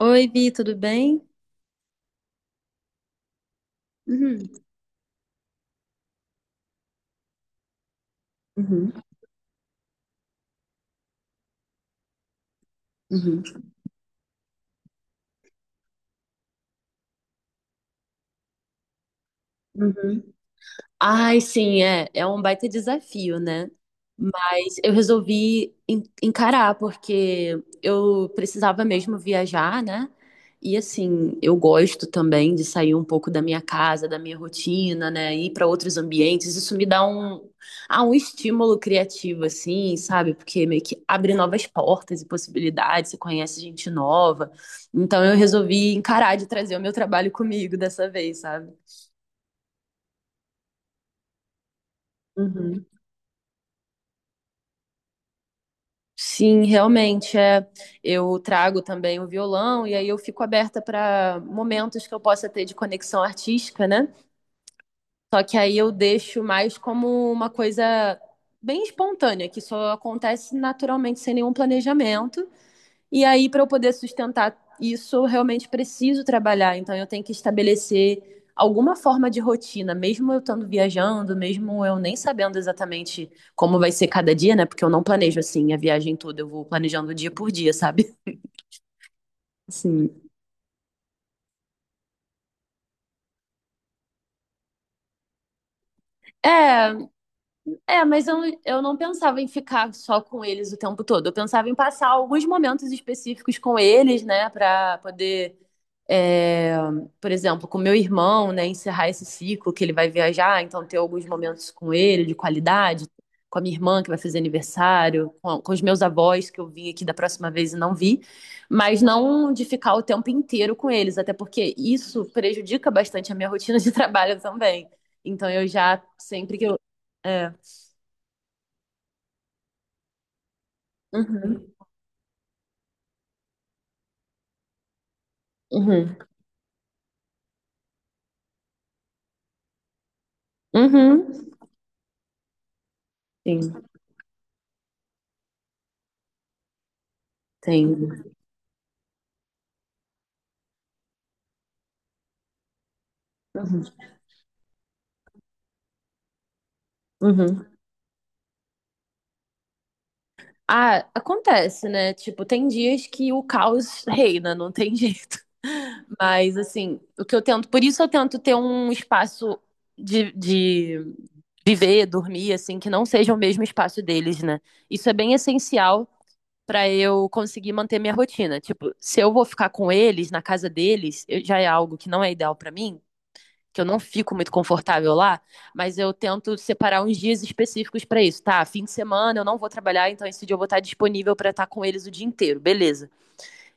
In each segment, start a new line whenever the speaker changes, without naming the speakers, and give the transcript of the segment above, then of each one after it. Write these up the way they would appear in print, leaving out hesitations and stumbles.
Oi, Vi, tudo bem? Uhum, uhum, uhum, uhum. Ai, sim, é. É um baita desafio, né? Mas eu resolvi encarar, porque eu precisava mesmo viajar, né? E assim, eu gosto também de sair um pouco da minha casa, da minha rotina, né? Ir para outros ambientes. Isso me dá um, um estímulo criativo, assim, sabe? Porque meio que abre novas portas e possibilidades, você conhece gente nova. Então eu resolvi encarar de trazer o meu trabalho comigo dessa vez, sabe? Uhum. Sim, realmente é. Eu trago também o violão e aí eu fico aberta para momentos que eu possa ter de conexão artística, né? Só que aí eu deixo mais como uma coisa bem espontânea, que só acontece naturalmente sem nenhum planejamento. E aí, para eu poder sustentar isso, eu realmente preciso trabalhar. Então, eu tenho que estabelecer alguma forma de rotina, mesmo eu estando viajando, mesmo eu nem sabendo exatamente como vai ser cada dia, né? Porque eu não planejo assim a viagem toda, eu vou planejando dia por dia, sabe? Sim. É, é, mas eu não pensava em ficar só com eles o tempo todo. Eu pensava em passar alguns momentos específicos com eles, né, pra poder. É, por exemplo, com meu irmão, né, encerrar esse ciclo que ele vai viajar, então ter alguns momentos com ele de qualidade, com a minha irmã que vai fazer aniversário, com os meus avós que eu vim aqui da próxima vez e não vi, mas não de ficar o tempo inteiro com eles, até porque isso prejudica bastante a minha rotina de trabalho também. Então eu já sempre que eu é. Uhum, uhum, uhum. Sim, entendo. Uhum, uhum. Ah, acontece, né? Tipo, tem dias que o caos reina, não tem jeito. Mas, assim, o que eu tento. Por isso eu tento ter um espaço de viver, dormir, assim, que não seja o mesmo espaço deles, né? Isso é bem essencial pra eu conseguir manter minha rotina. Tipo, se eu vou ficar com eles, na casa deles, já é algo que não é ideal pra mim, que eu não fico muito confortável lá, mas eu tento separar uns dias específicos para isso, tá? Fim de semana eu não vou trabalhar, então esse dia eu vou estar disponível para estar com eles o dia inteiro, beleza.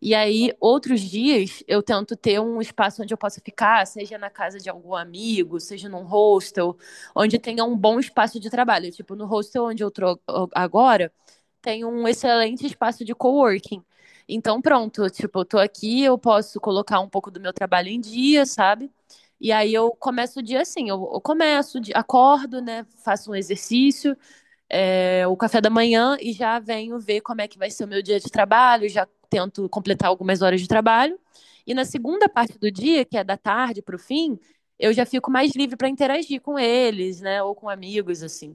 E aí, outros dias, eu tento ter um espaço onde eu possa ficar, seja na casa de algum amigo, seja num hostel, onde tenha um bom espaço de trabalho. Tipo, no hostel onde eu tô agora, tem um excelente espaço de coworking. Então, pronto, tipo, eu tô aqui, eu posso colocar um pouco do meu trabalho em dia, sabe? E aí eu começo o dia assim, eu começo, acordo, né? Faço um exercício, o café da manhã e já venho ver como é que vai ser o meu dia de trabalho, já tento completar algumas horas de trabalho. E na segunda parte do dia, que é da tarde para o fim, eu já fico mais livre para interagir com eles, né? Ou com amigos, assim.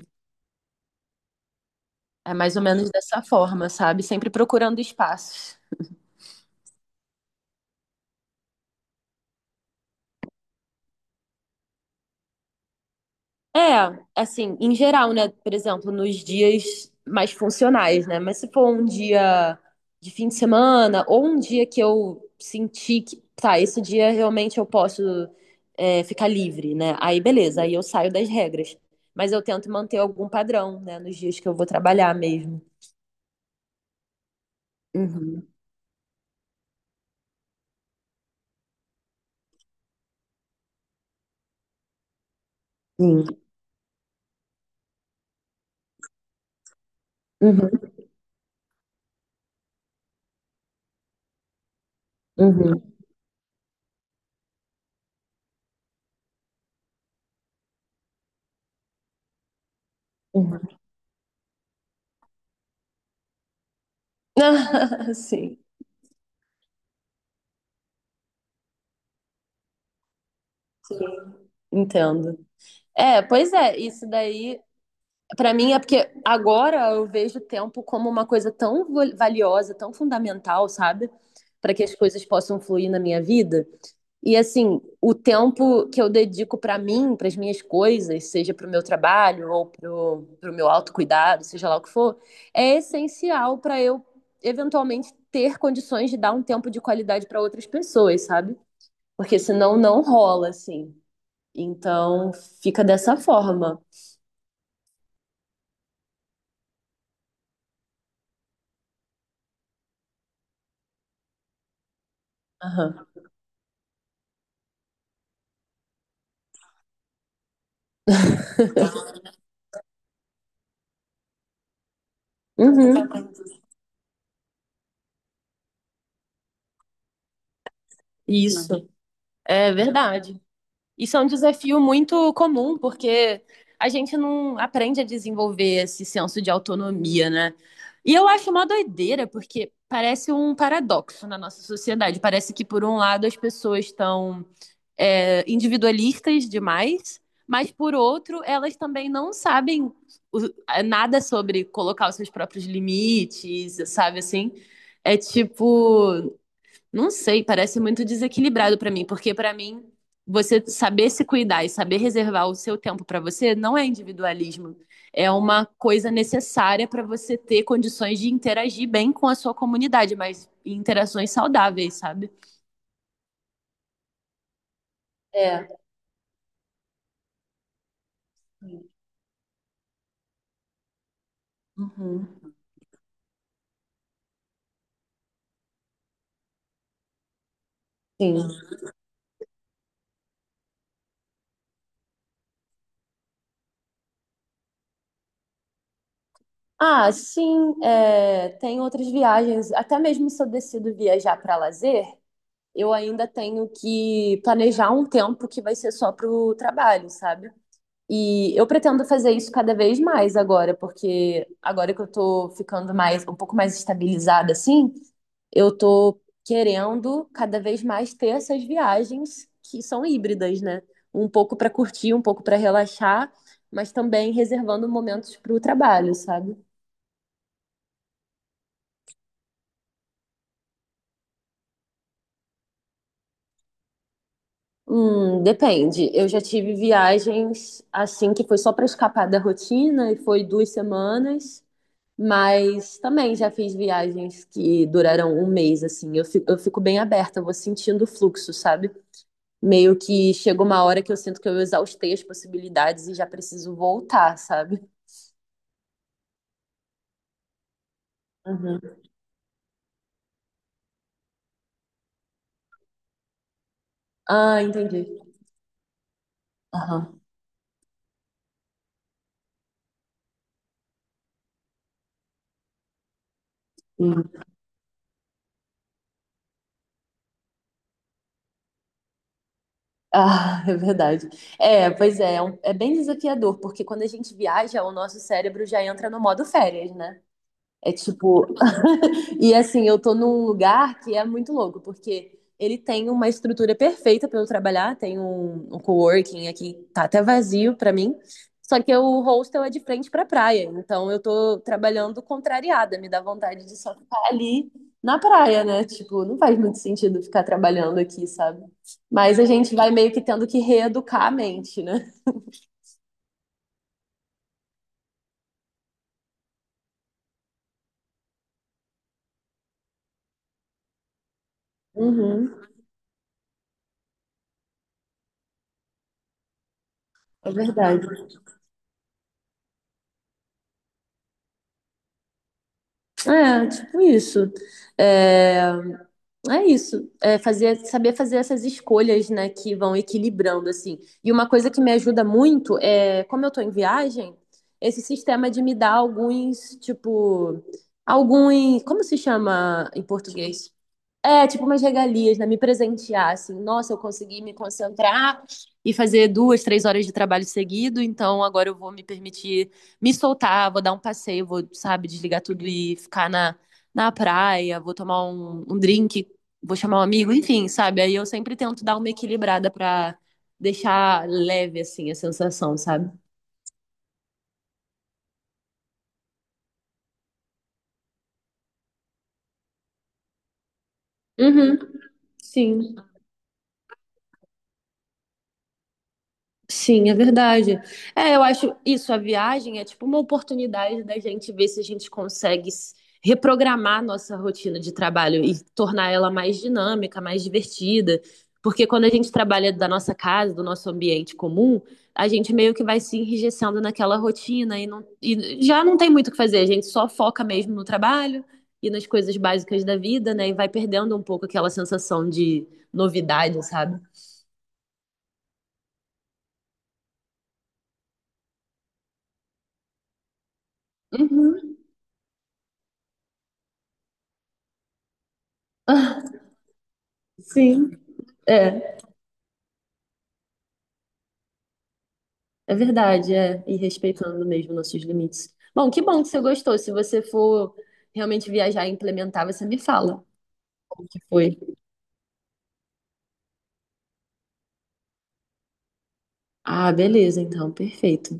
É mais ou menos dessa forma, sabe? Sempre procurando espaços. É, assim, em geral, né? Por exemplo, nos dias mais funcionais, né? Mas se for um dia de fim de semana ou um dia que eu senti que, tá, esse dia realmente eu posso ficar livre, né? Aí beleza, aí eu saio das regras. Mas eu tento manter algum padrão, né? Nos dias que eu vou trabalhar mesmo. Uhum, sim. Uhum, uhum, uhum. Sim, sim, entendo. É, pois é, isso daí, pra mim é porque agora eu vejo o tempo como uma coisa tão valiosa, tão fundamental, sabe? Para que as coisas possam fluir na minha vida. E assim, o tempo que eu dedico pra mim, para as minhas coisas, seja pro meu trabalho ou pro meu autocuidado, seja lá o que for, é essencial pra eu eventualmente ter condições de dar um tempo de qualidade pra outras pessoas, sabe? Porque senão não rola assim. Então, fica dessa forma. Aham. Uhum. Isso, é verdade. Isso é um desafio muito comum, porque a gente não aprende a desenvolver esse senso de autonomia, né? E eu acho uma doideira, porque parece um paradoxo na nossa sociedade. Parece que, por um lado, as pessoas estão, individualistas demais, mas, por outro, elas também não sabem o- nada sobre colocar os seus próprios limites, sabe assim? É tipo, não sei, parece muito desequilibrado pra mim, porque pra mim você saber se cuidar e saber reservar o seu tempo pra você não é individualismo, é uma coisa necessária pra você ter condições de interagir bem com a sua comunidade, mas em interações saudáveis, sabe? É. Uhum. Sim. Ah, sim, é, tem outras viagens. Até mesmo se eu decido viajar para lazer, eu ainda tenho que planejar um tempo que vai ser só para o trabalho, sabe? E eu pretendo fazer isso cada vez mais agora, porque agora que eu tô ficando mais, um pouco mais estabilizada assim, eu tô querendo cada vez mais ter essas viagens que são híbridas, né? Um pouco para curtir, um pouco para relaxar, mas também reservando momentos para o trabalho, sabe? Depende. Eu já tive viagens assim que foi só para escapar da rotina e foi duas semanas. Mas também já fiz viagens que duraram um mês, assim. Eu fico bem aberta, eu vou sentindo o fluxo, sabe? Meio que chega uma hora que eu sinto que eu exaustei as possibilidades e já preciso voltar, sabe? Uhum. Ah, entendi. Aham. Hum. Ah, é verdade. É, pois é, é bem desafiador, porque quando a gente viaja, o nosso cérebro já entra no modo férias, né? É tipo. E assim, eu tô num lugar que é muito louco, porque ele tem uma estrutura perfeita para eu trabalhar, tem um coworking aqui, tá até vazio para mim. Só que o hostel é de frente pra praia, então eu tô trabalhando contrariada, me dá vontade de só ficar ali na praia, né? Tipo, não faz muito sentido ficar trabalhando aqui, sabe? Mas a gente vai meio que tendo que reeducar a mente, né? Uhum, é verdade. É, tipo isso. É, é isso, saber fazer essas escolhas, né, que vão equilibrando, assim. E uma coisa que me ajuda muito é, como eu tô em viagem, esse sistema de me dar alguns, tipo, alguns, como se chama em português? É, tipo umas regalias, né? Me presentear, assim. Nossa, eu consegui me concentrar e fazer duas, três horas de trabalho seguido, então agora eu vou me permitir me soltar, vou dar um passeio, vou, sabe, desligar tudo e ficar na, na praia, vou tomar um drink, vou chamar um amigo, enfim, sabe? Aí eu sempre tento dar uma equilibrada pra deixar leve, assim, a sensação, sabe? Uhum, sim. Sim, é verdade. É, eu acho isso, a viagem é tipo uma oportunidade da gente ver se a gente consegue reprogramar nossa rotina de trabalho e tornar ela mais dinâmica, mais divertida. Porque quando a gente trabalha da nossa casa, do nosso ambiente comum, a gente meio que vai se enrijecendo naquela rotina e, não, e já não tem muito o que fazer, a gente só foca mesmo no trabalho e nas coisas básicas da vida, né? E vai perdendo um pouco aquela sensação de novidade, sabe? Uhum. Sim, é. É verdade, é. E respeitando mesmo nossos limites. Bom que você gostou. Se você for realmente viajar e implementar, você me fala como que foi. Ah, beleza, então, perfeito.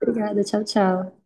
Obrigada, tchau, tchau.